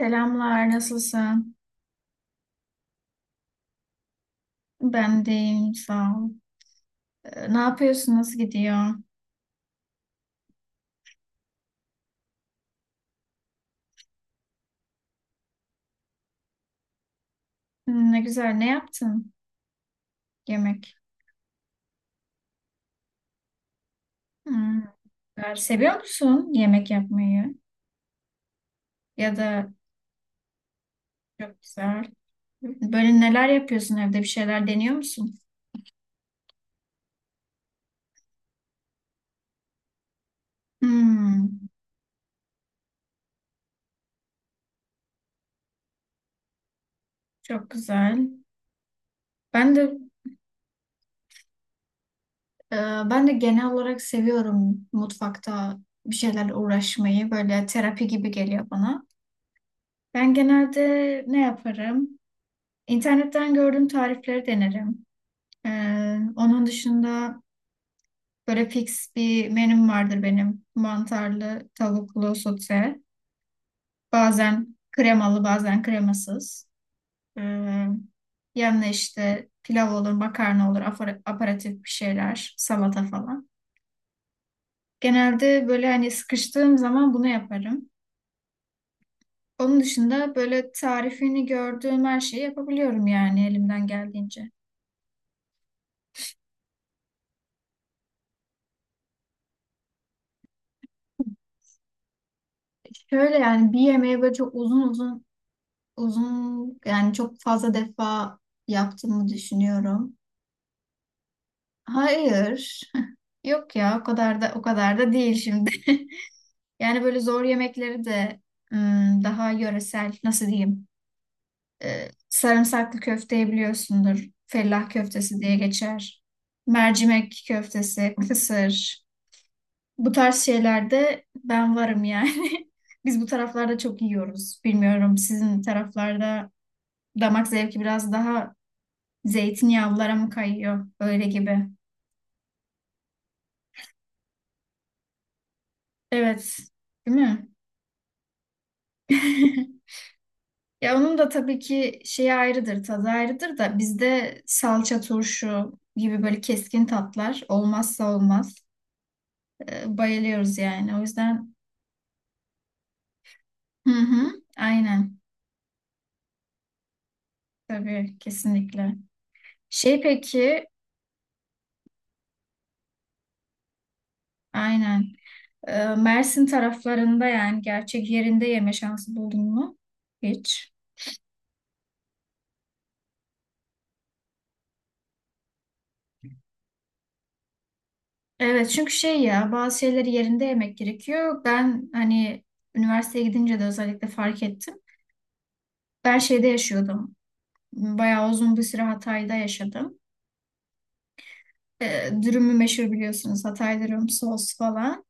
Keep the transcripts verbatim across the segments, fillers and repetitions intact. Selamlar, nasılsın? Ben de iyiyim, sağ ol. Ee, Ne yapıyorsun, nasıl gidiyor? Hmm, ne güzel, ne yaptın? Yemek. Hmm, güzel. Seviyor musun yemek yapmayı? Ya da çok güzel. Böyle neler yapıyorsun evde, bir şeyler deniyor musun? Hmm, çok güzel. Ben de e, ben de genel olarak seviyorum mutfakta bir şeylerle uğraşmayı. Böyle terapi gibi geliyor bana. Ben genelde ne yaparım? İnternetten gördüğüm tarifleri denerim. Ee, onun dışında böyle fix bir menüm vardır benim. Mantarlı, tavuklu sote. Bazen kremalı, bazen kremasız. Ee, Yanına işte pilav olur, makarna olur, apar- aparatif bir şeyler, salata falan. Genelde böyle hani sıkıştığım zaman bunu yaparım. Onun dışında böyle tarifini gördüğüm her şeyi yapabiliyorum yani elimden geldiğince. Şöyle yani bir yemeği böyle çok uzun uzun uzun yani çok fazla defa yaptığımı düşünüyorum. Hayır. Yok ya o kadar da o kadar da değil şimdi. Yani böyle zor yemekleri de ım, daha yöresel nasıl diyeyim? Ee, sarımsaklı köfteyi biliyorsundur. Fellah köftesi diye geçer. Mercimek köftesi, kısır. Bu tarz şeylerde ben varım yani. Biz bu taraflarda çok yiyoruz. Bilmiyorum sizin taraflarda damak zevki biraz daha zeytinyağlılara mı kayıyor? Öyle gibi. Evet. Değil mi? Ya onun da tabii ki şeyi ayrıdır, tadı ayrıdır da bizde salça, turşu gibi böyle keskin tatlar olmazsa olmaz. Ee, bayılıyoruz yani. O yüzden. Hı hı, aynen. Tabii kesinlikle. Şey peki, aynen. Ee, Mersin taraflarında yani gerçek yerinde yeme şansı buldun mu? Hiç. Evet çünkü şey ya bazı şeyleri yerinde yemek gerekiyor. Ben hani üniversiteye gidince de özellikle fark ettim. Ben şeyde yaşıyordum. Bayağı uzun bir süre Hatay'da yaşadım. Ee, dürümü meşhur biliyorsunuz. Hatay dürüm, sos falan.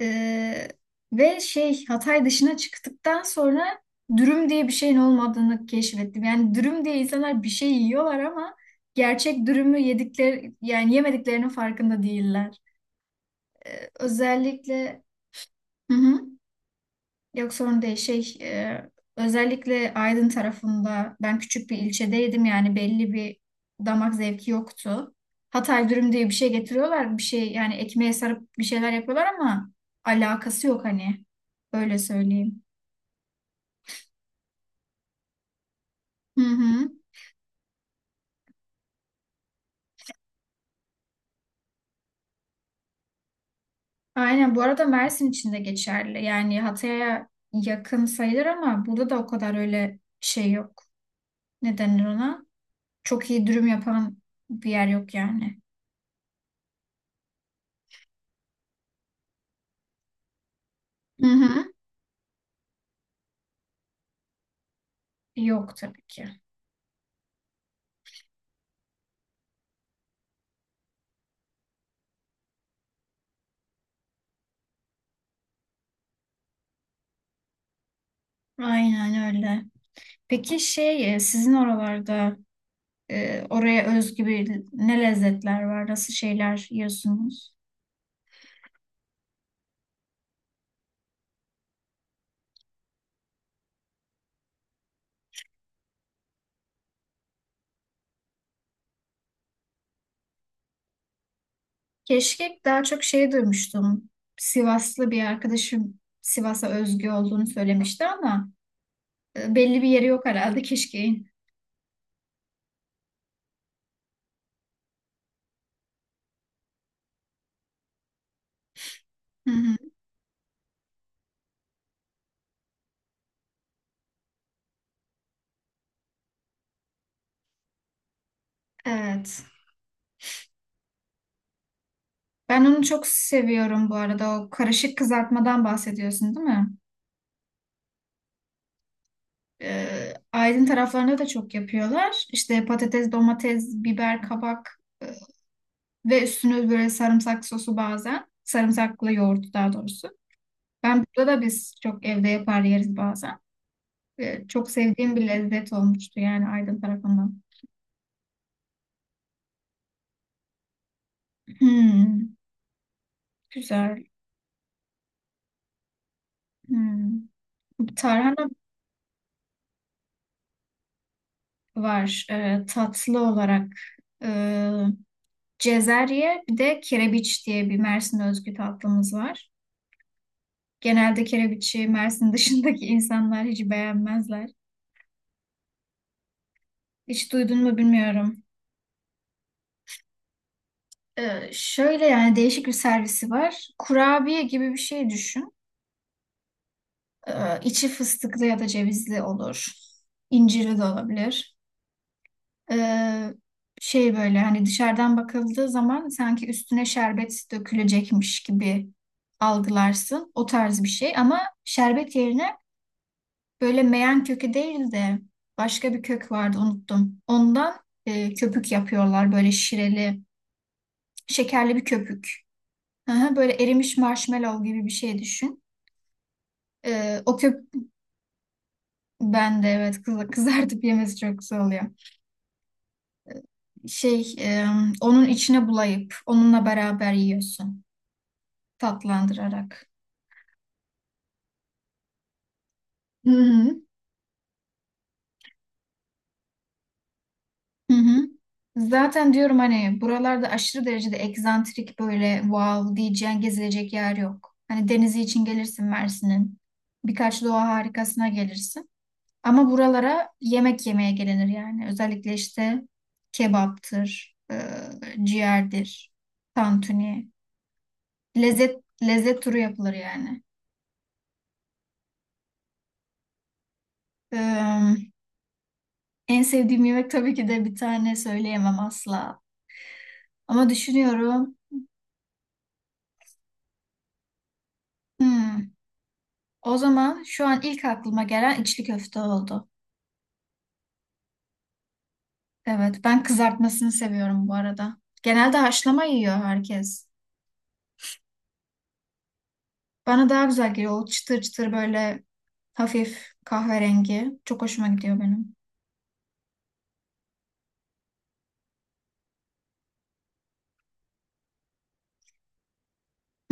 Ee, Ve şey Hatay dışına çıktıktan sonra dürüm diye bir şeyin olmadığını keşfettim. Yani dürüm diye insanlar bir şey yiyorlar ama gerçek dürümü yedikleri yani yemediklerinin farkında değiller. Özellikle. Hı hı. Yok sorun değil. Şey, e, özellikle Aydın tarafında ben küçük bir ilçedeydim yani belli bir damak zevki yoktu. Hatay dürüm diye bir şey getiriyorlar. Bir şey yani ekmeğe sarıp bir şeyler yapıyorlar ama alakası yok hani. Öyle söyleyeyim. Hı hı. Aynen bu arada Mersin için de geçerli. Yani Hatay'a yakın sayılır ama burada da o kadar öyle şey yok. Ne denir ona? Çok iyi dürüm yapan bir yer yok yani. Hı hı. Yok tabii ki. Aynen öyle. Peki şey e, sizin oralarda e, oraya özgü bir ne lezzetler var? Nasıl şeyler yiyorsunuz? Keşkek daha çok şey duymuştum. Sivaslı bir arkadaşım Sivas'a özgü olduğunu söylemişti ama e, belli bir yeri yok herhalde keşkeğin. Hı hı. Evet. Ben onu çok seviyorum bu arada. O karışık kızartmadan bahsediyorsun değil mi? E, Aydın taraflarında da çok yapıyorlar. İşte patates, domates, biber, kabak e, Ve üstüne böyle sarımsak sosu bazen. Sarımsaklı yoğurt daha doğrusu. Ben burada da biz çok evde yapar yeriz bazen. Ee, çok sevdiğim bir lezzet olmuştu yani Aydın tarafından. Hmm, güzel. Hmm. Tarhana var e, tatlı olarak. E, Cezerye bir de kerebiç diye bir Mersin özgü tatlımız var. Genelde kerebiçi Mersin dışındaki insanlar hiç beğenmezler. Hiç duydun mu bilmiyorum. Ee, şöyle yani değişik bir servisi var. Kurabiye gibi bir şey düşün. Ee, içi fıstıklı ya da cevizli olur. İncirli de olabilir. Ee, Şey böyle hani dışarıdan bakıldığı zaman sanki üstüne şerbet dökülecekmiş gibi algılarsın. O tarz bir şey ama şerbet yerine böyle meyan kökü değil de başka bir kök vardı unuttum. Ondan e, köpük yapıyorlar böyle şireli, şekerli bir köpük. Aha, böyle erimiş marshmallow gibi bir şey düşün. Ee, o köp bende evet, kız- kızartıp yemesi çok güzel oluyor. Şey e, onun içine bulayıp onunla beraber yiyorsun tatlandırarak. Hı hı. Hı hı. Zaten diyorum hani buralarda aşırı derecede egzantrik böyle wow diyeceğin gezilecek yer yok. Hani denizi için gelirsin Mersin'in. Birkaç doğa harikasına gelirsin. Ama buralara yemek yemeye gelinir yani. Özellikle işte kebaptır, e, ciğerdir, tantuni. Lezzet, lezzet turu yapılır yani. E, En sevdiğim yemek tabii ki de bir tane söyleyemem asla. Ama düşünüyorum. hmm, O zaman şu an ilk aklıma gelen içli köfte oldu. Evet, ben kızartmasını seviyorum bu arada. Genelde haşlama yiyor herkes. Bana daha güzel geliyor. O çıtır çıtır böyle hafif kahverengi. Çok hoşuma gidiyor benim.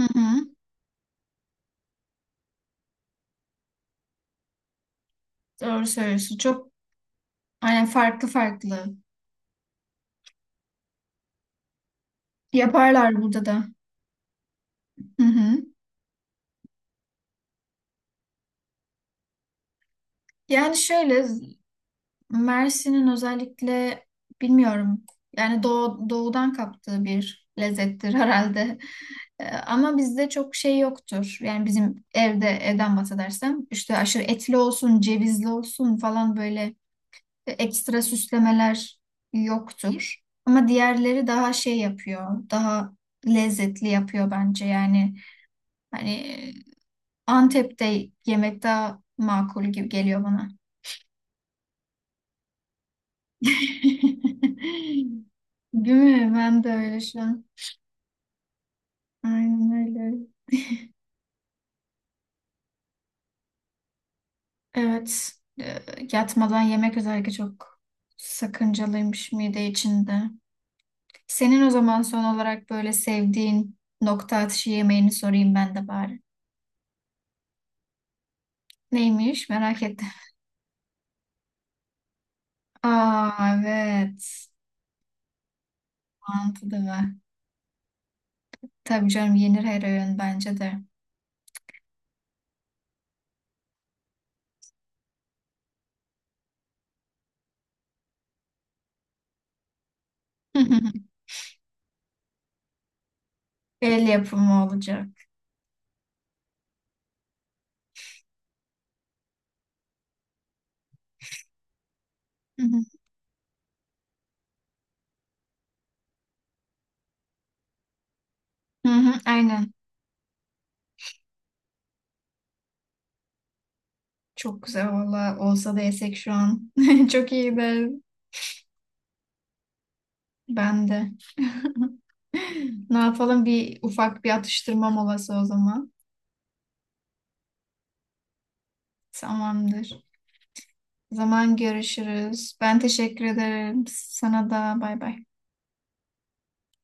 Hı hı. Doğru söylüyorsun. Çok aynen farklı farklı. Yaparlar burada da. Hı hı. Yani şöyle Mersin'in özellikle bilmiyorum. Yani doğu, doğudan kaptığı bir lezzettir herhalde. Ee, Ama bizde çok şey yoktur. Yani bizim evde evden bahsedersem işte aşırı etli olsun, cevizli olsun falan böyle e, ekstra süslemeler yoktur. Ama diğerleri daha şey yapıyor, daha lezzetli yapıyor bence. Yani hani e, Antep'te yemek daha makul gibi geliyor bana. Değil mi? Ben de öyle şu an. Aynen öyle. Evet. E, Yatmadan yemek özellikle çok sakıncalıymış mide içinde. Senin o zaman son olarak böyle sevdiğin nokta atışı yemeğini sorayım ben de bari. Neymiş? Merak ettim. Aa evet. Mantıklı mı? Tabii canım yenir her öğün bence de. El yapımı olacak. Hı hı, hı hı, aynen. Çok güzel valla. Olsa da yesek şu an. Çok iyi de. Ben de. Ne yapalım? Bir ufak bir atıştırma molası o zaman. Tamamdır. O zaman görüşürüz. Ben teşekkür ederim. Sana da bay bay.